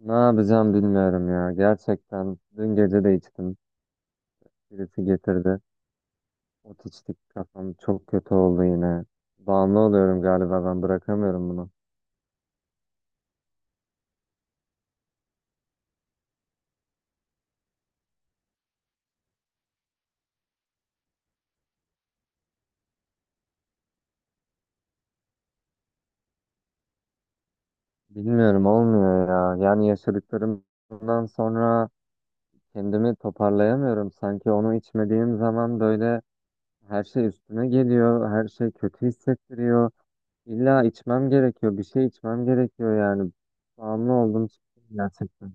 Ne yapacağım bilmiyorum ya. Gerçekten dün gece de içtim. Birisi getirdi. Ot içtik, kafam çok kötü oldu yine. Bağımlı oluyorum galiba, ben bırakamıyorum bunu. Bilmiyorum, olmuyor ya. Yani yaşadıklarımdan sonra kendimi toparlayamıyorum. Sanki onu içmediğim zaman böyle her şey üstüme geliyor. Her şey kötü hissettiriyor. İlla içmem gerekiyor. Bir şey içmem gerekiyor yani. Bağımlı oldum gerçekten.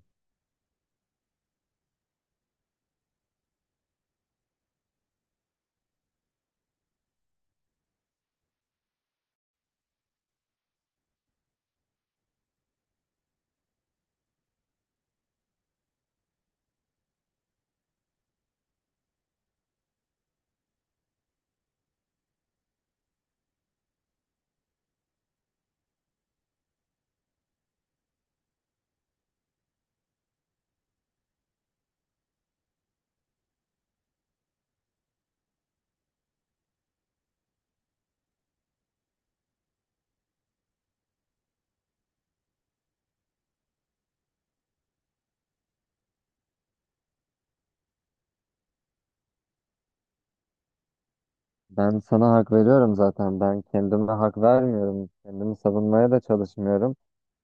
Ben sana hak veriyorum zaten. Ben kendime hak vermiyorum. Kendimi savunmaya da çalışmıyorum.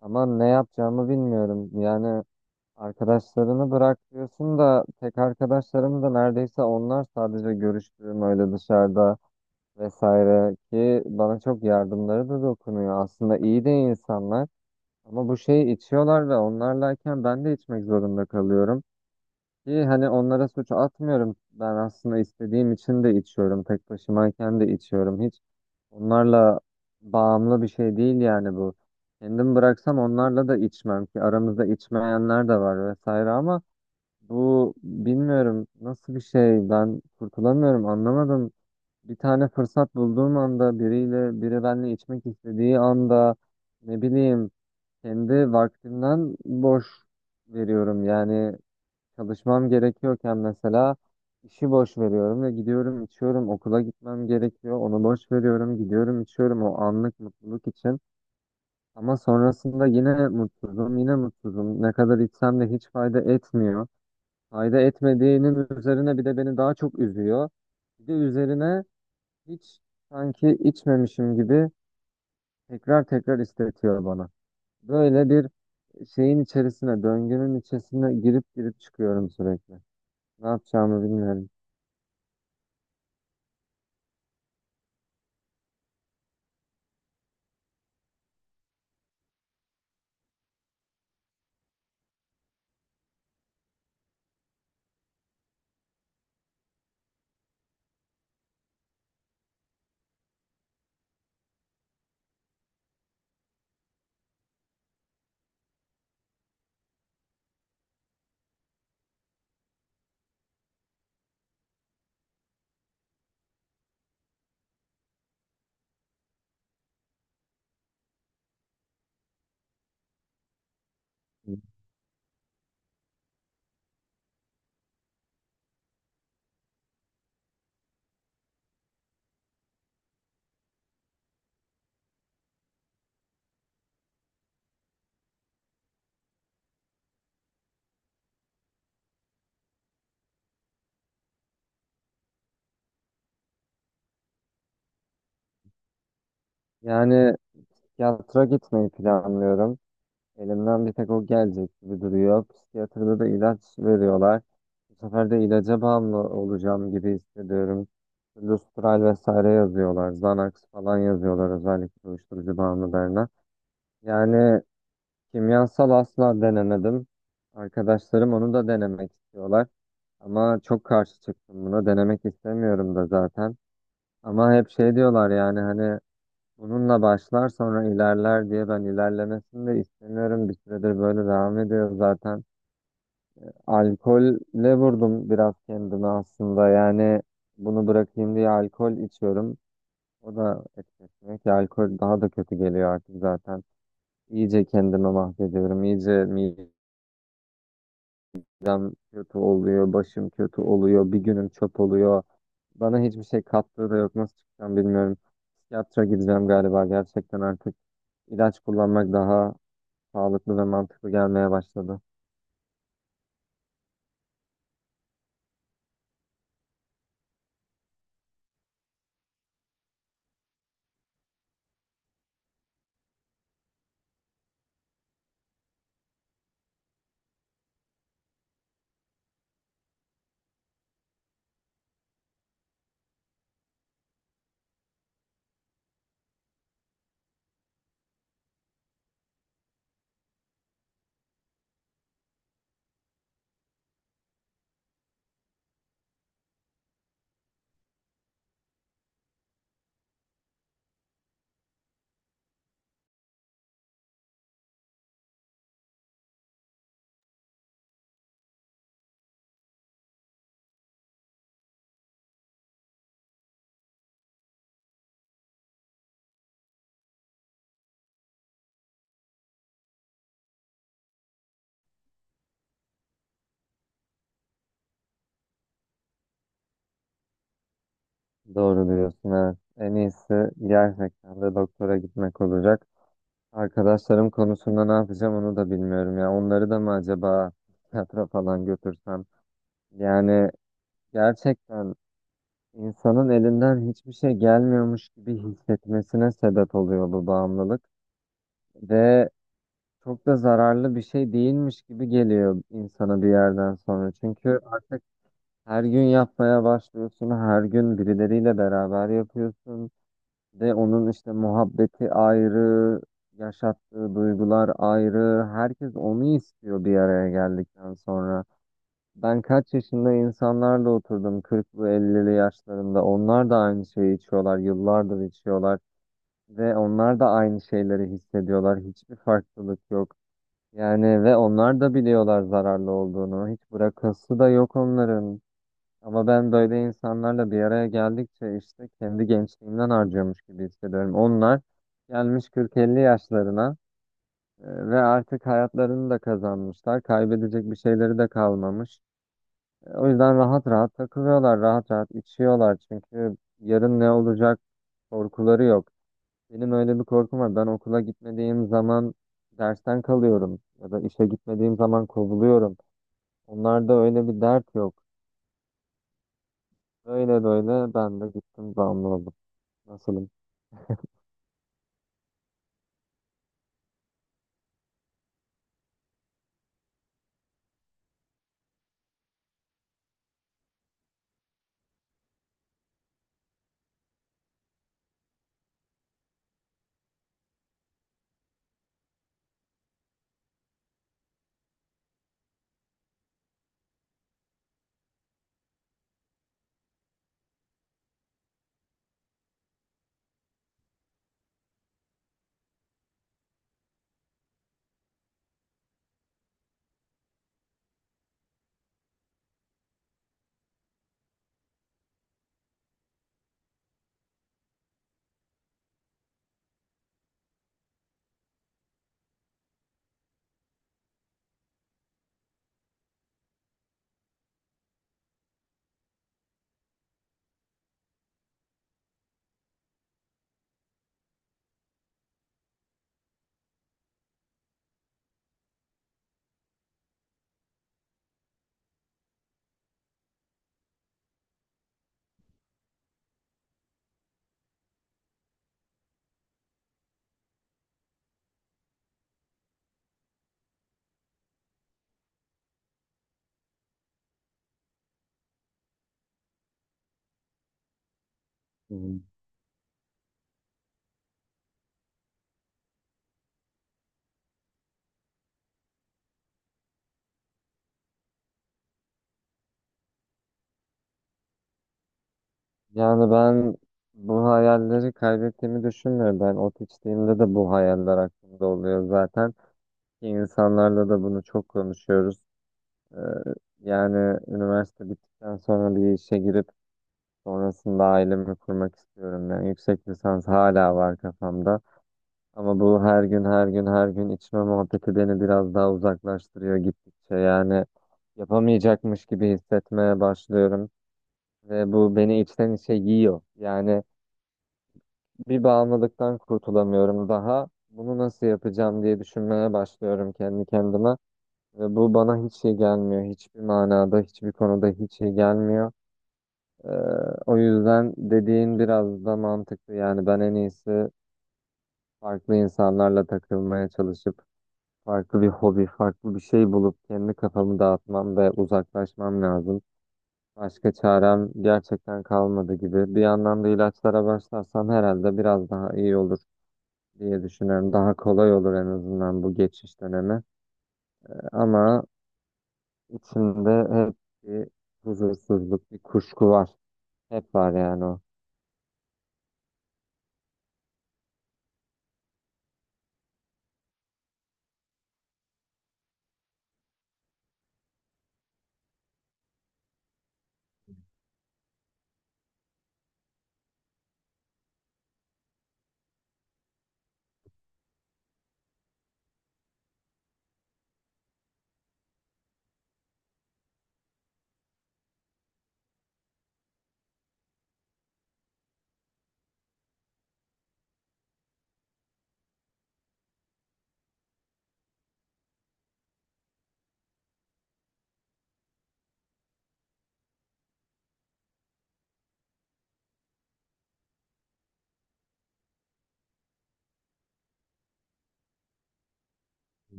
Ama ne yapacağımı bilmiyorum. Yani arkadaşlarını bırak diyorsun da tek arkadaşlarım da neredeyse onlar, sadece görüştüğüm öyle dışarıda vesaire, ki bana çok yardımları da dokunuyor. Aslında iyi de insanlar, ama bu şeyi içiyorlar ve onlarlayken ben de içmek zorunda kalıyorum. Ki hani onlara suç atmıyorum. Ben aslında istediğim için de içiyorum. Tek başımayken de içiyorum. Onlarla bağımlı bir şey değil yani bu. Kendim bıraksam onlarla da içmem, ki aramızda içmeyenler de var vesaire, ama bu bilmiyorum nasıl bir şey, ben kurtulamıyorum, anlamadım. Bir tane fırsat bulduğum anda, biriyle, biri benimle içmek istediği anda ne bileyim, kendi vaktimden boş veriyorum yani. Çalışmam gerekiyorken mesela işi boş veriyorum ve gidiyorum, içiyorum. Okula gitmem gerekiyor. Onu boş veriyorum. Gidiyorum, içiyorum o anlık mutluluk için. Ama sonrasında yine mutsuzum, yine mutsuzum. Ne kadar içsem de hiç fayda etmiyor. Fayda etmediğinin üzerine bir de beni daha çok üzüyor. Bir de üzerine hiç sanki içmemişim gibi tekrar tekrar istetiyor bana. Böyle bir şeyin içerisine, döngünün içerisine girip girip çıkıyorum sürekli. Ne yapacağımı bilmiyorum. Yani psikiyatra gitmeyi planlıyorum. Elimden bir tek o gelecek gibi duruyor. Psikiyatrda da ilaç veriyorlar. Bu sefer de ilaca bağımlı olacağım gibi hissediyorum. Lustral vesaire yazıyorlar. Xanax falan yazıyorlar, özellikle uyuşturucu bağımlılarına. Yani kimyasal asla denemedim. Arkadaşlarım onu da denemek istiyorlar. Ama çok karşı çıktım buna. Denemek istemiyorum da zaten. Ama hep şey diyorlar, yani hani bununla başlar sonra ilerler diye. Ben ilerlemesini de istemiyorum. Bir süredir böyle devam ediyor zaten. Alkolle vurdum biraz kendimi aslında. Yani bunu bırakayım diye alkol içiyorum. O da etkisine ki alkol daha da kötü geliyor artık zaten. İyice kendimi mahvediyorum. İyice midem kötü oluyor, başım kötü oluyor, bir günüm çöp oluyor. Bana hiçbir şey kattığı da yok. Nasıl çıkacağım bilmiyorum. Psikiyatra gideceğim galiba gerçekten artık. İlaç kullanmak daha sağlıklı ve mantıklı gelmeye başladı. Doğru diyorsun, evet. En iyisi gerçekten de doktora gitmek olacak. Arkadaşlarım konusunda ne yapacağım onu da bilmiyorum ya. Onları da mı acaba psikiyatra falan götürsem? Yani gerçekten insanın elinden hiçbir şey gelmiyormuş gibi hissetmesine sebep oluyor bu bağımlılık. Ve çok da zararlı bir şey değilmiş gibi geliyor insana bir yerden sonra. Çünkü artık her gün yapmaya başlıyorsun, her gün birileriyle beraber yapıyorsun. Ve onun işte muhabbeti ayrı, yaşattığı duygular ayrı. Herkes onu istiyor bir araya geldikten sonra. Ben kaç yaşında insanlarla oturdum, 40'lı 50'li yaşlarında. Onlar da aynı şeyi içiyorlar, yıllardır içiyorlar. Ve onlar da aynı şeyleri hissediyorlar. Hiçbir farklılık yok. Yani ve onlar da biliyorlar zararlı olduğunu. Hiç bırakası da yok onların. Ama ben böyle insanlarla bir araya geldikçe işte kendi gençliğimden harcıyormuş gibi hissediyorum. Onlar gelmiş 40-50 yaşlarına ve artık hayatlarını da kazanmışlar. Kaybedecek bir şeyleri de kalmamış. O yüzden rahat rahat takılıyorlar, rahat rahat içiyorlar. Çünkü yarın ne olacak korkuları yok. Benim öyle bir korkum var. Ben okula gitmediğim zaman dersten kalıyorum ya da işe gitmediğim zaman kovuluyorum. Onlarda öyle bir dert yok. Böyle böyle ben de gittim, bağımlı oldum. Nasılım? Hmm. Yani ben bu hayalleri kaybettiğimi düşünmüyorum. Ben ot içtiğimde de bu hayaller aklımda oluyor zaten. Ki İnsanlarla da bunu çok konuşuyoruz. Ee, Yani üniversite bittikten sonra bir işe girip sonrasında ailemi kurmak istiyorum. Yani yüksek lisans hala var kafamda. Ama bu her gün her gün her gün içme muhabbeti beni biraz daha uzaklaştırıyor gittikçe. Yani yapamayacakmış gibi hissetmeye başlıyorum. Ve bu beni içten içe yiyor. Yani bir bağımlılıktan kurtulamıyorum daha. Bunu nasıl yapacağım diye düşünmeye başlıyorum kendi kendime. Ve bu bana hiç iyi gelmiyor. Hiçbir manada, hiçbir konuda hiç iyi gelmiyor. Ee, O yüzden dediğin biraz da mantıklı. Yani ben en iyisi farklı insanlarla takılmaya çalışıp farklı bir hobi, farklı bir şey bulup kendi kafamı dağıtmam ve uzaklaşmam lazım. Başka çarem gerçekten kalmadı gibi. Bir yandan da ilaçlara başlarsam herhalde biraz daha iyi olur diye düşünüyorum. Daha kolay olur en azından bu geçiş dönemi. Ama içimde hep bir huzursuzluk, bir kuşku var. Hep var yani o.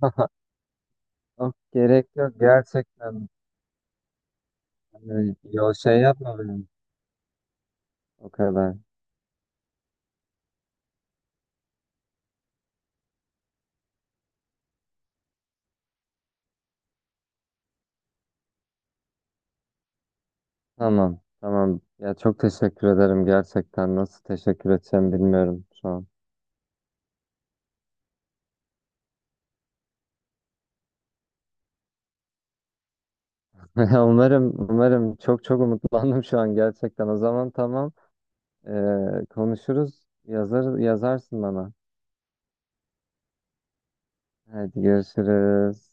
Yok, gerek yok gerçekten. Yani şey yapma benim. O kadar. Tamam, tamam. Ya çok teşekkür ederim gerçekten. Nasıl teşekkür edeceğim bilmiyorum şu an. Umarım, umarım, çok çok umutlandım şu an gerçekten. O zaman tamam, Ee, konuşuruz. Yazarsın bana. Hadi görüşürüz.